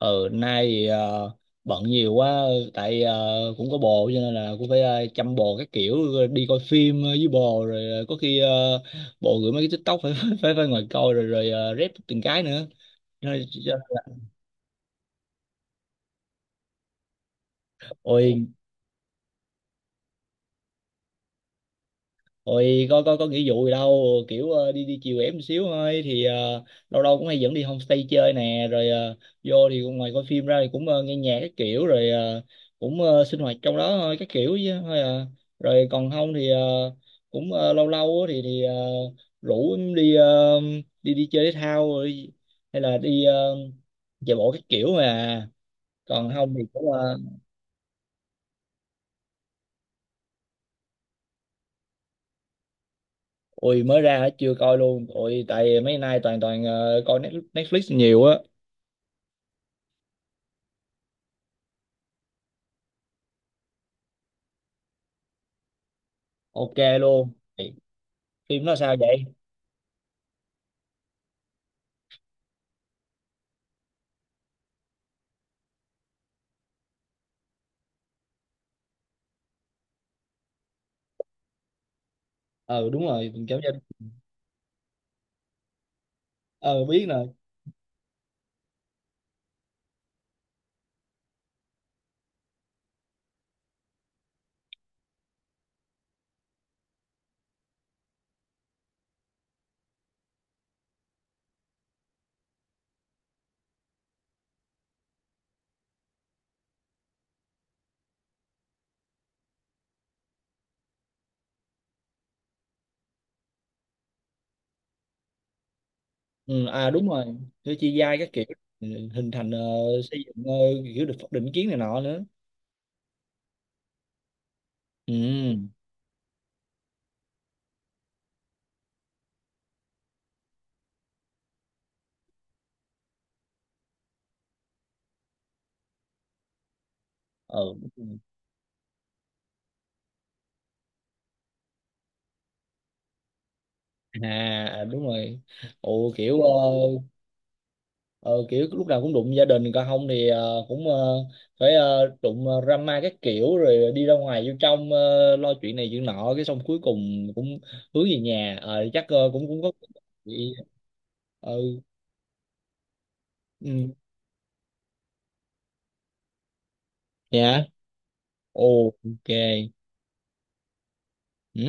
Ừ, nay bận nhiều quá. Tại cũng có bồ cho nên là cũng phải chăm bồ các kiểu. Đi coi phim với bồ, rồi có khi bồ gửi mấy cái TikTok phải phải phải, ngồi coi rồi rồi rep từng cái nữa nên- ôi Ôi có nghĩa vụ gì đâu, kiểu đi đi chiều ẻm xíu thôi, thì lâu lâu cũng hay dẫn đi homestay chơi nè, rồi vô thì ngoài coi phim ra thì cũng nghe nhạc các kiểu, rồi cũng sinh hoạt trong đó thôi các kiểu, chứ thôi à. Rồi còn không thì cũng lâu lâu á thì rủ em đi đi đi chơi thể thao, rồi hay là đi chạy bộ các kiểu mà. Còn không thì cũng ui mới ra chưa coi luôn. Ui, tại mấy nay toàn toàn coi Netflix Netflix nhiều á. Ok luôn, phim nó sao vậy? Ờ đúng rồi, mình cảm nhận. Ờ biết rồi. Ừ, à đúng rồi. Thứ chi giai các kiểu. Ừ, hình thành xây dựng, kiểu định kiến này nọ nữa. Ừ. Ờ. À, à, đúng rồi. Ồ kiểu ờ, kiểu lúc nào cũng đụng gia đình, còn không thì cũng phải đụng drama các kiểu, rồi đi ra ngoài vô trong lo chuyện này chuyện nọ, cái xong cuối cùng cũng hướng về nhà. Ờ, chắc cũng cũng có. Ừ. Ừ. Dạ. Ok. Ừ?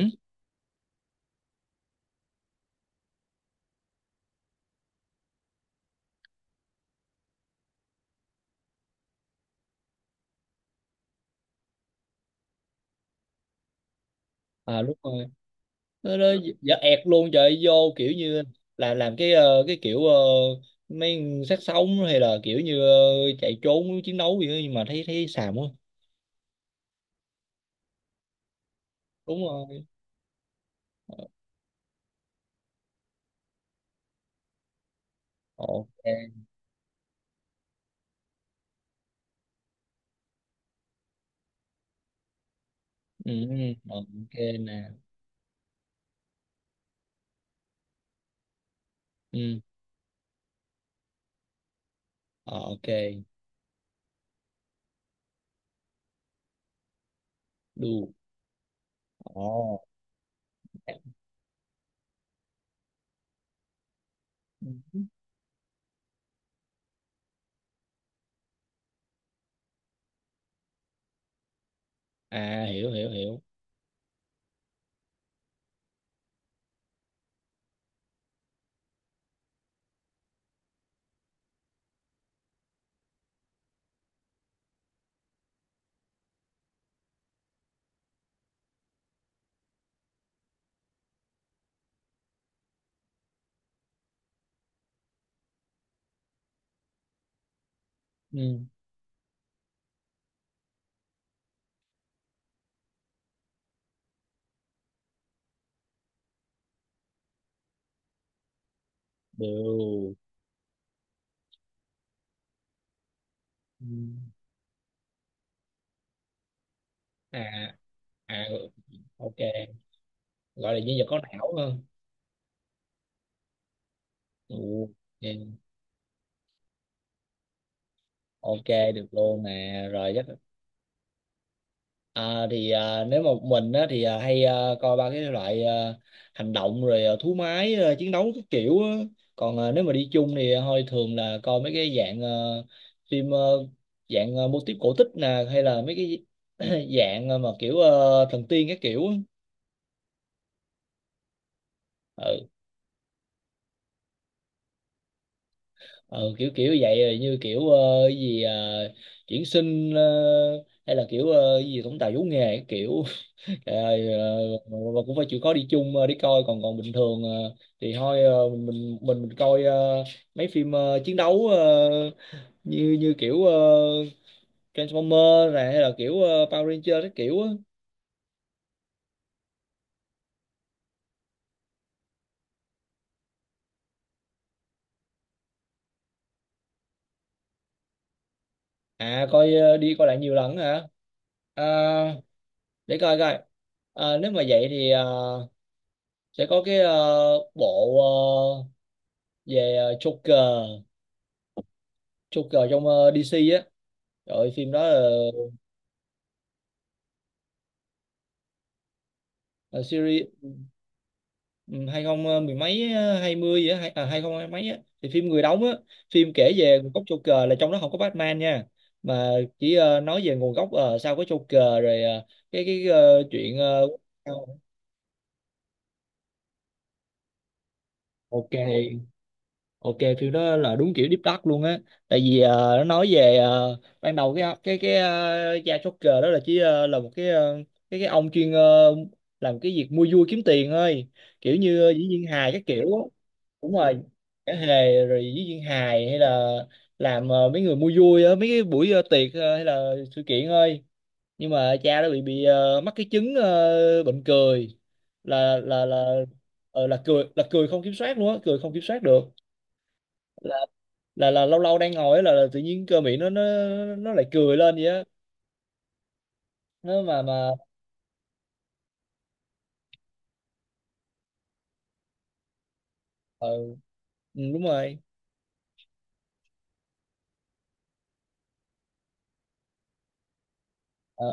À đúng rồi. Nó Dạ ẹt luôn trời, vô kiểu như là làm cái cái kiểu mấy sát sống, hay là kiểu như chạy trốn chiến đấu gì đó, nhưng mà thấy thấy xàm quá. Đúng rồi. Ok. Ừ, ừ. Ok nè. Ừ. Ờ. Ok. Đu. Ồ. À, hiểu hiểu hiểu. Ừ. Đều. Ừ. À, à. Ok. Gọi là nhân vật có não hơn. Ừ. Ok. Ok được luôn nè, rồi chắc. À, thì nếu mà một mình á, thì hay coi ba cái loại hành động, rồi thú máy, chiến đấu các kiểu á. Còn nếu mà đi chung thì thôi thường là coi mấy cái dạng phim, dạng mô típ cổ tích nè, hay là mấy cái dạng mà kiểu thần tiên các kiểu á. Ừ. Ừ kiểu kiểu vậy, rồi như kiểu cái gì chuyển sinh, hay là kiểu cái gì tổng tài vũ nghề các kiểu. Trời ơi, và cũng phải chịu khó đi chung, đi coi. Còn còn bình thường thì thôi, mình coi mấy phim chiến đấu, như như kiểu Transformer này, hay là kiểu Power Ranger các kiểu á. À coi, đi coi lại nhiều lần hả? À, để coi coi. Ờ, nếu mà vậy thì sẽ có cái bộ ờ, về Joker, trong DC á. Rồi phim đó là series. Ừ, hai không mười mấy hai mươi á, hai hai không hai mấy á, thì phim người đóng á. Phim kể về nguồn gốc Joker, là trong đó không có Batman nha, mà chỉ nói về nguồn gốc, sao có Joker rồi cái chuyện ok. Ok Phim đó là đúng kiểu deep dark luôn á. Tại vì nó nói về ban đầu cái cha Joker đó là chỉ là một cái cái ông chuyên làm cái việc mua vui kiếm tiền thôi, kiểu như diễn viên hài các kiểu á. Đúng rồi, cả hề, rồi diễn viên hài, hay là làm mấy người mua vui á, mấy cái buổi tiệc hay là sự kiện thôi. Nhưng mà cha đó bị mắc cái chứng bệnh cười, là là cười không kiểm soát luôn á, cười không kiểm soát được. Là lâu lâu đang ngồi ấy, là tự nhiên cơ miệng nó nó lại cười lên vậy á. Nó mà ờ ừ, đúng rồi. Ờ,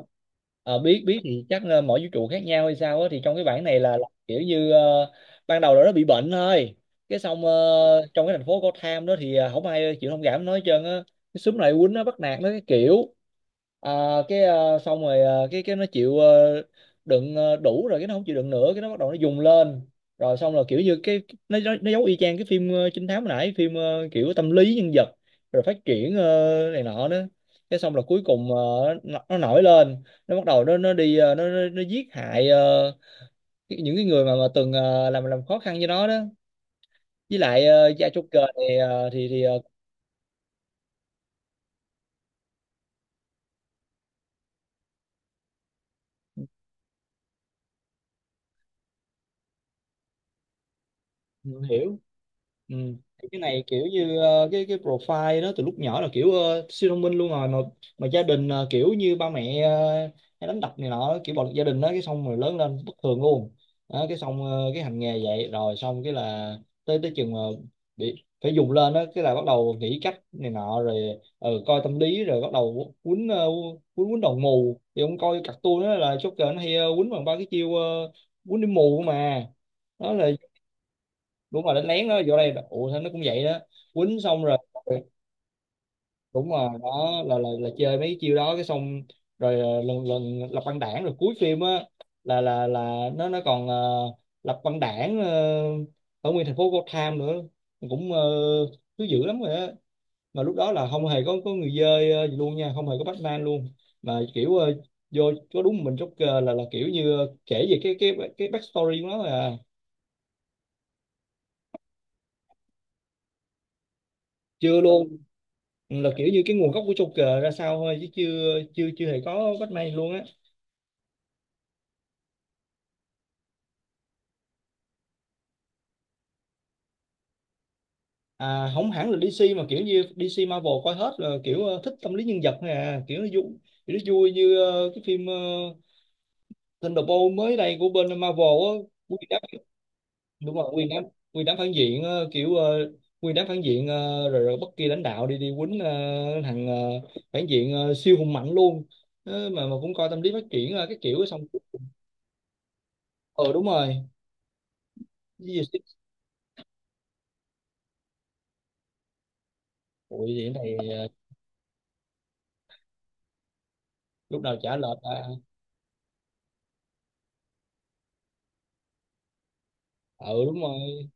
ờ, biết biết thì chắc là mỗi vũ trụ khác nhau hay sao á, thì trong cái bản này là kiểu như ban đầu là nó bị bệnh thôi, cái xong trong cái thành phố Gotham đó thì không ai chịu thông cảm nói hết trơn á, cái xúm này quýnh nó, bắt nạt nó cái kiểu. À, cái xong rồi cái nó chịu đựng đủ rồi, cái nó không chịu đựng nữa, cái nó bắt đầu nó dùng lên, rồi xong rồi kiểu như cái nó giống y chang cái phim trinh thám hồi nãy, phim kiểu tâm lý nhân vật rồi phát triển này nọ đó. Thế xong là cuối cùng nó nổi lên, nó bắt đầu nó đi nó giết hại những cái người mà từng làm khó khăn cho nó đó, với lại gia chốt cờ thì thì hiểu. Ừ. Thì cái này kiểu như cái profile đó từ lúc nhỏ là kiểu siêu thông minh luôn rồi mà gia đình kiểu như ba mẹ hay đánh đập này nọ, kiểu bạo lực gia đình đó, cái xong rồi lớn lên bất thường luôn. Đó, cái xong cái hành nghề vậy, rồi xong cái là tới tới chừng mà bị phải dùng lên đó, cái là bắt đầu nghĩ cách này nọ rồi. Ừ, coi tâm lý rồi bắt đầu quýnh, quýnh đồng mù. Thì ông coi cartoon đó là Joker nó hay quýnh bằng ba cái chiêu quýnh đi mù mà, đó là đúng rồi đánh lén nó vô đây. Ủa sao nó cũng vậy đó, quýnh xong rồi đúng rồi, đó là chơi mấy cái chiêu đó, cái xong rồi lần lần lập băng đảng, rồi cuối phim á là nó còn lập băng đảng ở nguyên thành phố Gotham nữa, cũng thứ dữ lắm rồi á. Mà lúc đó là không hề có người dơi gì luôn nha, không hề có Batman luôn, mà kiểu vô có đúng mình Joker, là kiểu như kể về cái backstory của nó là chưa luôn. Ừ, là kiểu như cái nguồn gốc của Joker ra sao thôi, chứ chưa chưa chưa hề có Batman luôn á. À không hẳn là DC, mà kiểu như DC, Marvel coi hết, là kiểu thích tâm lý nhân vật thôi à, kiểu nó vui. Kiểu nó vui như cái phim Thunderbolt mới đây của bên Marvel á. Nguyên đám. Đúng rồi nguyên đám, nguyên đám phản diện kiểu nguyên đám phản diện, rồi rồi bất kỳ lãnh đạo đi đi quýnh thằng phản diện siêu hùng mạnh luôn. Ờ, mà cũng coi tâm lý phát triển cái kiểu xong. Ờ đúng rồi. Cái gì- Ủa vậy này lúc nào chả lệch à. Ừ đúng rồi.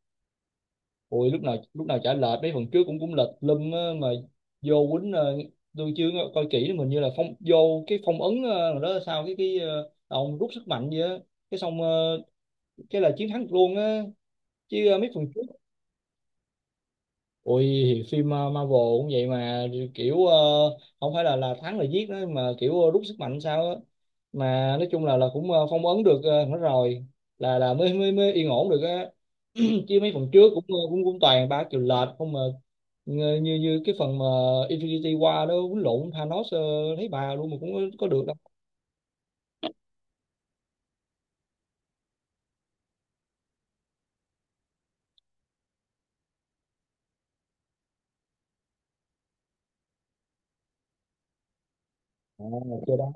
Ui, lúc nào chả lệch, mấy phần trước cũng cũng lệch lum á mà. Vô quýnh tôi chưa có- coi kỹ mình như là phong vô cái phong ấn rồi đó, sao cái ông rút sức mạnh vậy á. Cái xong cái là chiến thắng luôn á, chứ mấy phần trước. Ui thì phim Marvel cũng vậy mà, kiểu không phải là thắng là giết đó, mà kiểu rút sức mạnh sao á, mà nói chung là cũng phong ấn được hết rồi, là mới mới mới yên ổn được á chứ mấy phần trước cũng cũng cũng toàn ba triệu lệch không mà, như như như cái phần mà Infinity War đó quýnh lộn Thanos, thấy bà luôn mà cũng có được đâu. À, chờ đó.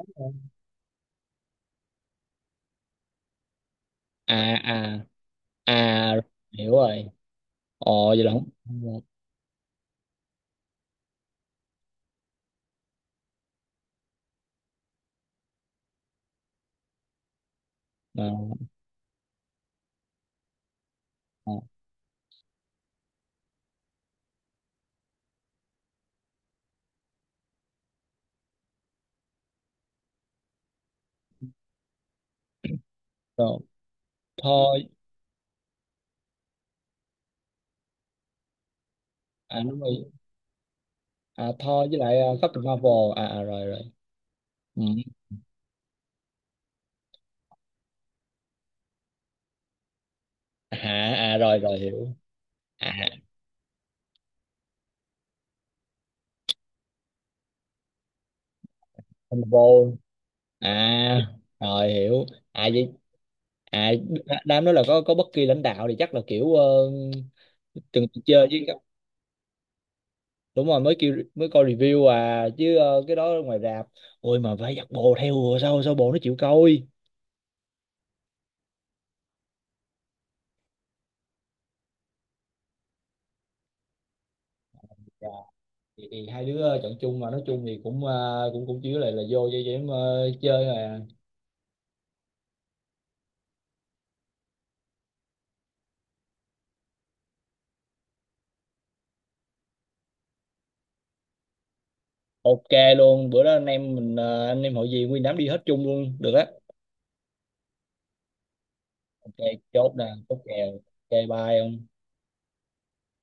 À, à, à, hiểu rồi. Ồ vậy là không. À, à, rồi thôi. À đúng rồi. À thôi, với lại Captain Marvel, à, à rồi rồi. Ừ. À, à rồi rồi, hiểu. À, Marvel. À rồi hiểu. À vậy. À đám đó là có bất kỳ lãnh đạo thì chắc là kiểu từng chơi với các- Đúng rồi, mới kêu mới coi review à, chứ cái đó ngoài rạp. Ôi, mà phải giặt bồ theo rồi, sao sao bồ nó chịu coi. Dạ, thì hai đứa chọn chung, mà nói chung thì cũng cũng cũng chứ là vô cho em chơi mà. Ok luôn, bữa đó anh em mình anh em hội gì, nguyên đám đi hết chung luôn được á. Ok chốt nè, chốt kèo. Ok bye ông.